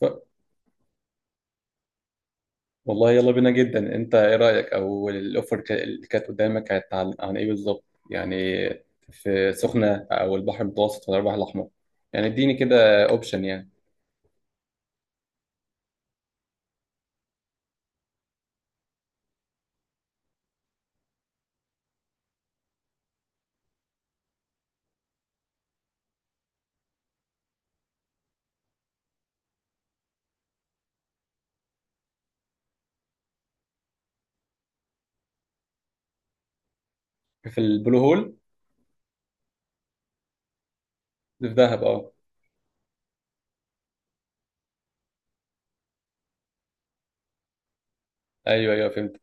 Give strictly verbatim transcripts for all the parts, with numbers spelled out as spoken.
ف... والله يلا بينا جدا. انت ايه رأيك او الاوفر ك- اللي كانت قدامك كانت عن, عن ايه بالظبط يعني؟ في سخنة او البحر المتوسط ولا البحر الاحمر؟ يعني اديني كده اوبشن يعني. في البلو هول. في دهب اه. ايوه ايوه فهمت.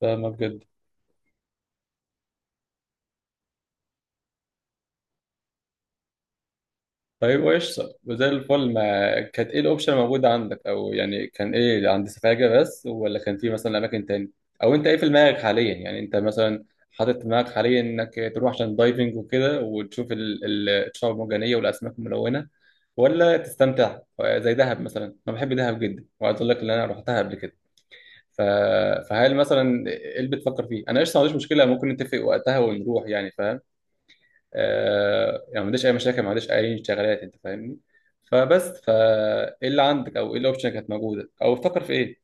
فاهمك جدا. طيب وإيش وزي الفل، ما كانت إيه الأوبشن موجودة عندك؟ أو يعني كان إيه عند سفاجة بس ولا كان في مثلا أماكن تاني؟ أو أنت إيه في دماغك حاليا؟ يعني أنت مثلا حاطط في دماغك حاليا إنك تروح عشان دايفنج وكده وتشوف ال- ال- الشعاب المرجانية والأسماك الملونة ولا تستمتع زي دهب مثلا؟ أنا بحب دهب جدا وعايز أقول لك إن أنا رحتها قبل كده. ف... فهل مثلا إيه اللي بتفكر فيه؟ أنا قشطة، ما عنديش مشكلة، ممكن نتفق وقتها ونروح يعني، فاهم؟ آه، يعني ما عنديش اي مشاكل، ما عنديش اي شغلات، انت فاهمني. فبس فايه اللي عندك او ايه الاوبشن كانت موجوده او بتفكر في ايه؟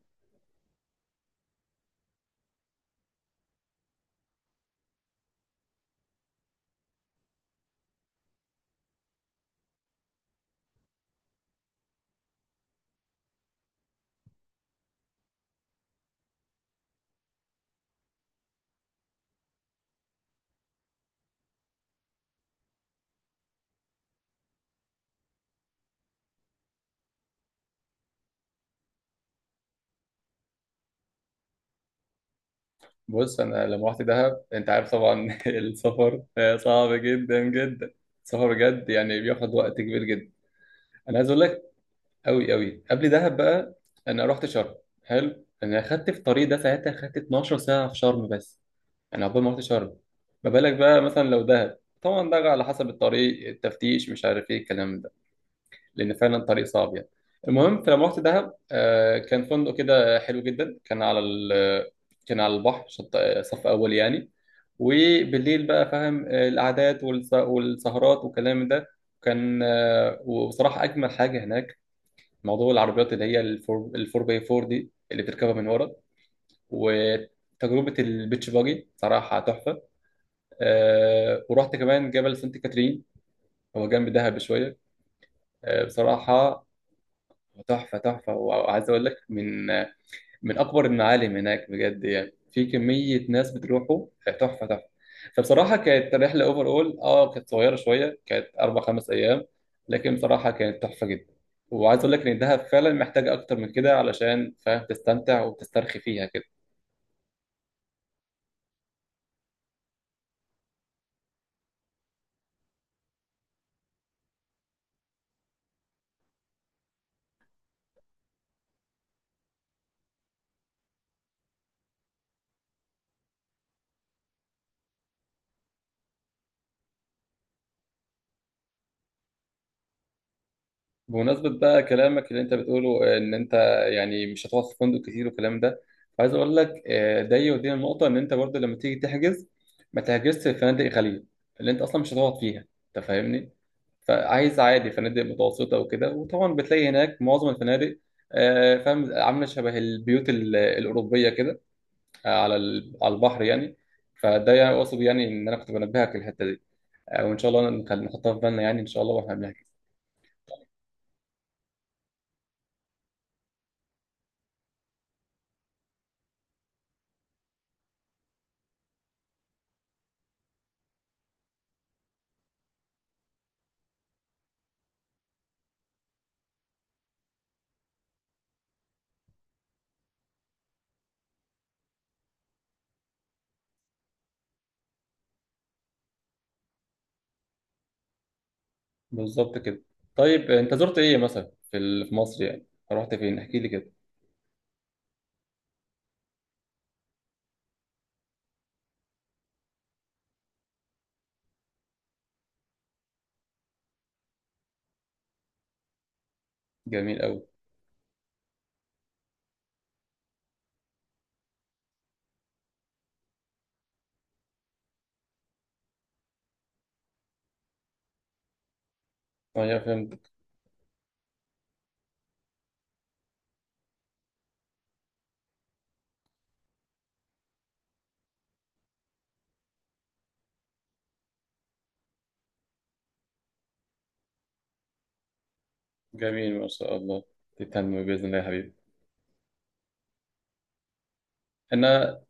بص انا لما رحت دهب انت عارف طبعا السفر آه، صعب جدا جدا. السفر بجد يعني بياخد وقت كبير جدا. انا عايز اقول لك، قوي قوي قبل دهب بقى انا رحت شرم. حلو، انا خدت في الطريق ده ساعتها، خدت اتناشر ساعه في شرم بس. انا عقبال ما رحت شرم. ما بالك بقى مثلا لو دهب؟ طبعا ده على حسب الطريق، التفتيش، مش عارف ايه الكلام ده. لان فعلا الطريق صعب يعني. المهم، فلما رحت دهب آه، كان فندق كده حلو جدا، كان على ال كان على البحر، شط آه، صف اول يعني. وبالليل بقى فاهم، آه، القعدات والس- والسهرات والكلام ده. كان آه، وبصراحه اجمل حاجه هناك موضوع العربيات، اللي هي الفور الفور باي فور دي، اللي بتركبها من ورا. وتجربه البيتش باجي صراحه تحفه. آه، ورحت كمان جبل سانت كاترين، هو جنب دهب شويه. آه، بصراحه تحفة تحفة. وعايز أقول لك، من من أكبر المعالم هناك بجد يعني، في كمية ناس بتروحوا. تحفة تحفة. فبصراحة كانت رحلة أوفر أول، أه كانت صغيرة شوية، كانت أربع خمس أيام. لكن بصراحة كانت تحفة جدا. وعايز أقول لك إن دهب فعلا محتاجة أكتر من كده علشان فاهم تستمتع وتسترخي فيها كده. بمناسبة بقى كلامك اللي انت بتقوله، آه، ان انت يعني مش هتقعد في فندق كتير والكلام ده، عايز اقول لك آه، ده يودينا النقطة ان انت برضه لما تيجي تحجز ما تحجزش في فنادق غالية اللي انت اصلا مش هتقعد فيها، انت فاهمني. فعايز عادي فنادق متوسطة وكده، وطبعا بتلاقي هناك معظم الفنادق آه، فاهم عاملة شبه البيوت ال- الأوروبية كده، آه، على ال- على البحر يعني. فده يعني اقصد يعني ان انا كنت بنبهك الحتة دي، آه، وان شاء الله نخل- نحطها في بالنا يعني ان شاء الله واحنا بنحجز. بالظبط كده. طيب انت زرت ايه مثلا في ال- في مصر يعني؟ رحت فين احكي لي كده. جميل قوي. انا فهمت. جميل ما شاء الله. تتهم باذن الله يا حبيبي. انا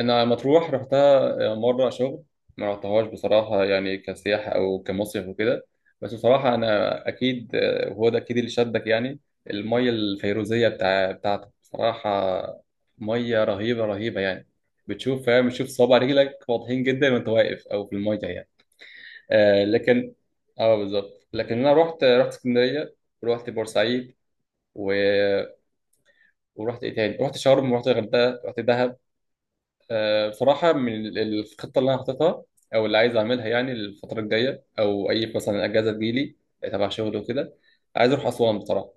انا مطروح رحتها مره شغل، ما رحتهاش بصراحه يعني كسياحه او كمصيف وكده. بس بصراحه انا اكيد، وهو ده اكيد اللي شدك يعني، الميه الفيروزيه بتاع بتاعتك بصراحه، ميه رهيبه رهيبه يعني. بتشوف فاهم، بتشوف صوابع رجلك واضحين جدا وانت واقف او في الميه يعني. آه لكن، اه بالظبط. لكن انا رحت رحت اسكندريه، ورحت بورسعيد، و... ورحت ايه تاني، رحت شرم ورحت الغردقه رحت دهب. آه بصراحه من ال- الخطه اللي انا حاططها او اللي عايز اعملها يعني الفتره الجايه، او اي مثلا اجازه تجيلي آه، تبع شغل وكده، عايز اروح اسوان بصراحه.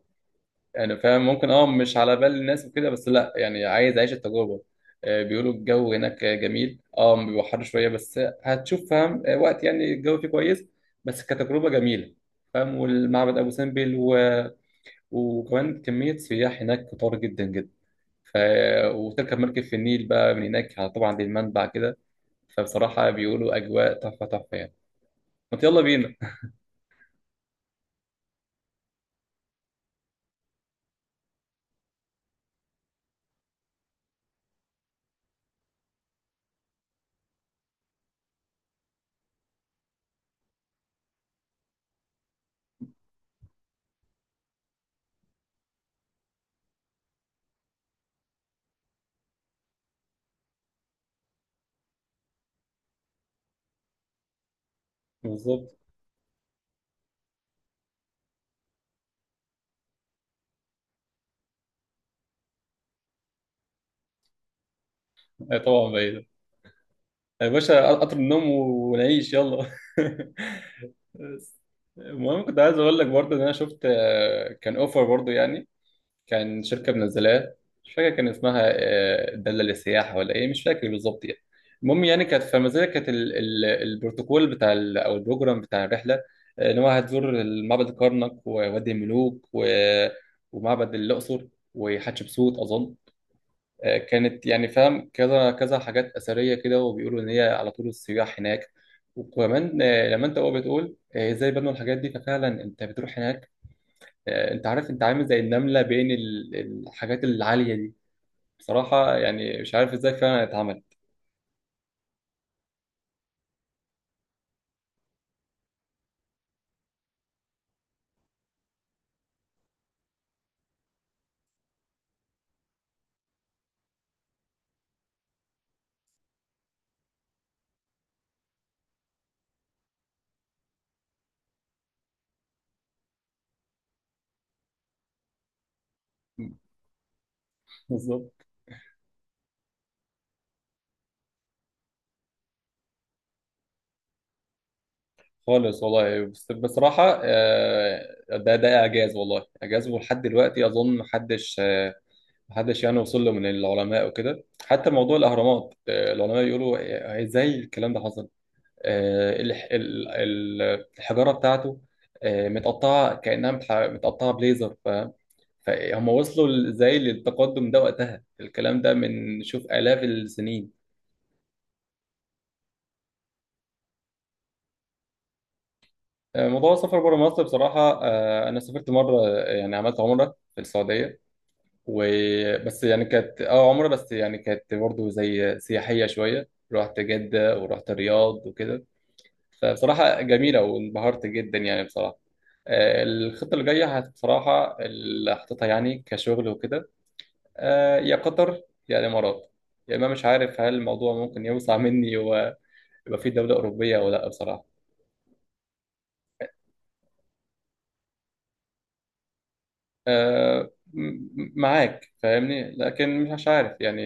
يعني فاهم ممكن اه مش على بال الناس وكده، بس لا يعني عايز اعيش التجربه. آه، بيقولوا الجو هناك جميل، اه بيبقى حر شويه بس هتشوف فاهم آه، وقت يعني الجو فيه كويس، بس كتجربه جميله فاهم. والمعبد ابو سمبل و... وكمان كميه سياح هناك كتار جدا جدا. ف... وتركب مركب في النيل بقى من هناك طبعا للمنبع كده. فبصراحه بيقولوا اجواء تحفه تحفه يعني. ما يلا بينا. بالظبط. آه، طبعا بعيدة. يا باشا قطر النوم ونعيش يلا. بس. المهم كنت عايز اقول لك برضه ان انا شفت آه، كان اوفر برضه يعني، كان شركه منزلاه. مش فاكر كان اسمها آه، داله للسياحه ولا ايه، مش فاكر بالظبط يعني. المهم يعني كانت في المزيد، كانت ال- ال- البروتوكول بتاع ال- او البروجرام بتاع الرحله، آه، ان هو هتزور معبد الكرنك ووادي الملوك و- ومعبد الاقصر وحتشبسوت اظن. آه، كانت يعني فاهم كذا كذا حاجات أثرية كده، وبيقولوا إن هي على طول السياح هناك. وكمان آه، لما أنت هو بتقول آه، إزاي بنوا الحاجات دي، ففعلا أنت بتروح هناك آه، أنت عارف أنت عامل زي النملة بين ال- الحاجات العالية دي. بصراحة يعني مش عارف إزاي فعلا اتعمل. بالظبط خالص والله. بس بصراحة آه، ده ده إعجاز والله إعجاز، ولحد دلوقتي أظن محدش آه، محدش يعني وصل له من العلماء وكده. حتى موضوع الأهرامات آه، العلماء يقولوا آه، إزاي الكلام ده حصل؟ آه، الح- ال- ال- الحجاره بتاعته، آه، متقطعه كانها متح- متقطعه بليزر. ف فهم وصلوا ل- ازاي للتقدم ده وقتها؟ الكلام ده من شوف آلاف السنين. آه، موضوع السفر بره مصر بصراحه، آه، انا سافرت مره آه، يعني عملت عمره في السعوديه، وبس يعني كانت اه عمره، بس يعني كانت برضه زي سياحيه شويه، رحت جده ورحت الرياض وكده. فبصراحة جميلة وانبهرت جدا يعني بصراحة. آه، الخطة اللي جاية هت- بصراحة اللي حاططها يعني كشغل وكده، آه، يا قطر يا الإمارات، يعني ما مش عارف هل الموضوع ممكن يوسع مني ويبقى في دولة أوروبية ولا لأ بصراحة. آه، م- م- معاك فاهمني، لكن مش عارف يعني.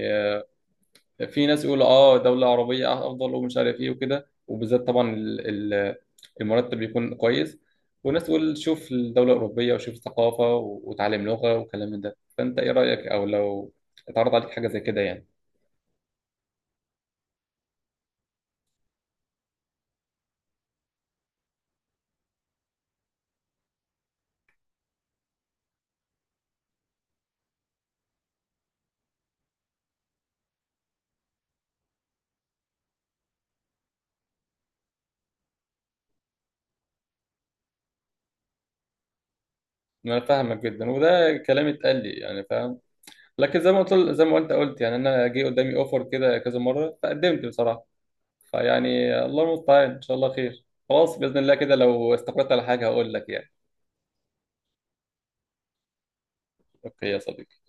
في ناس يقولوا اه دولة عربية افضل ومش عارف ايه وكده، وبالذات طبعا ال- ال- المرتب يكون كويس. وناس تقول شوف الدولة الأوروبية وشوف الثقافة و- وتعلم لغة والكلام من ده. فأنت إيه رأيك، أو لو اتعرض عليك حاجة زي كده يعني؟ أنا فاهمك جدا، وده كلام اتقال لي يعني فاهم. لكن زي ما قلت، زي ما أنت قلت يعني، أنا جه قدامي أوفر كده كذا مرة فقدمت بصراحة. فيعني الله المستعان، إن شاء الله خير، خلاص بإذن الله كده لو استقرت على حاجة هقول لك يعني. أوكي يا صديقي.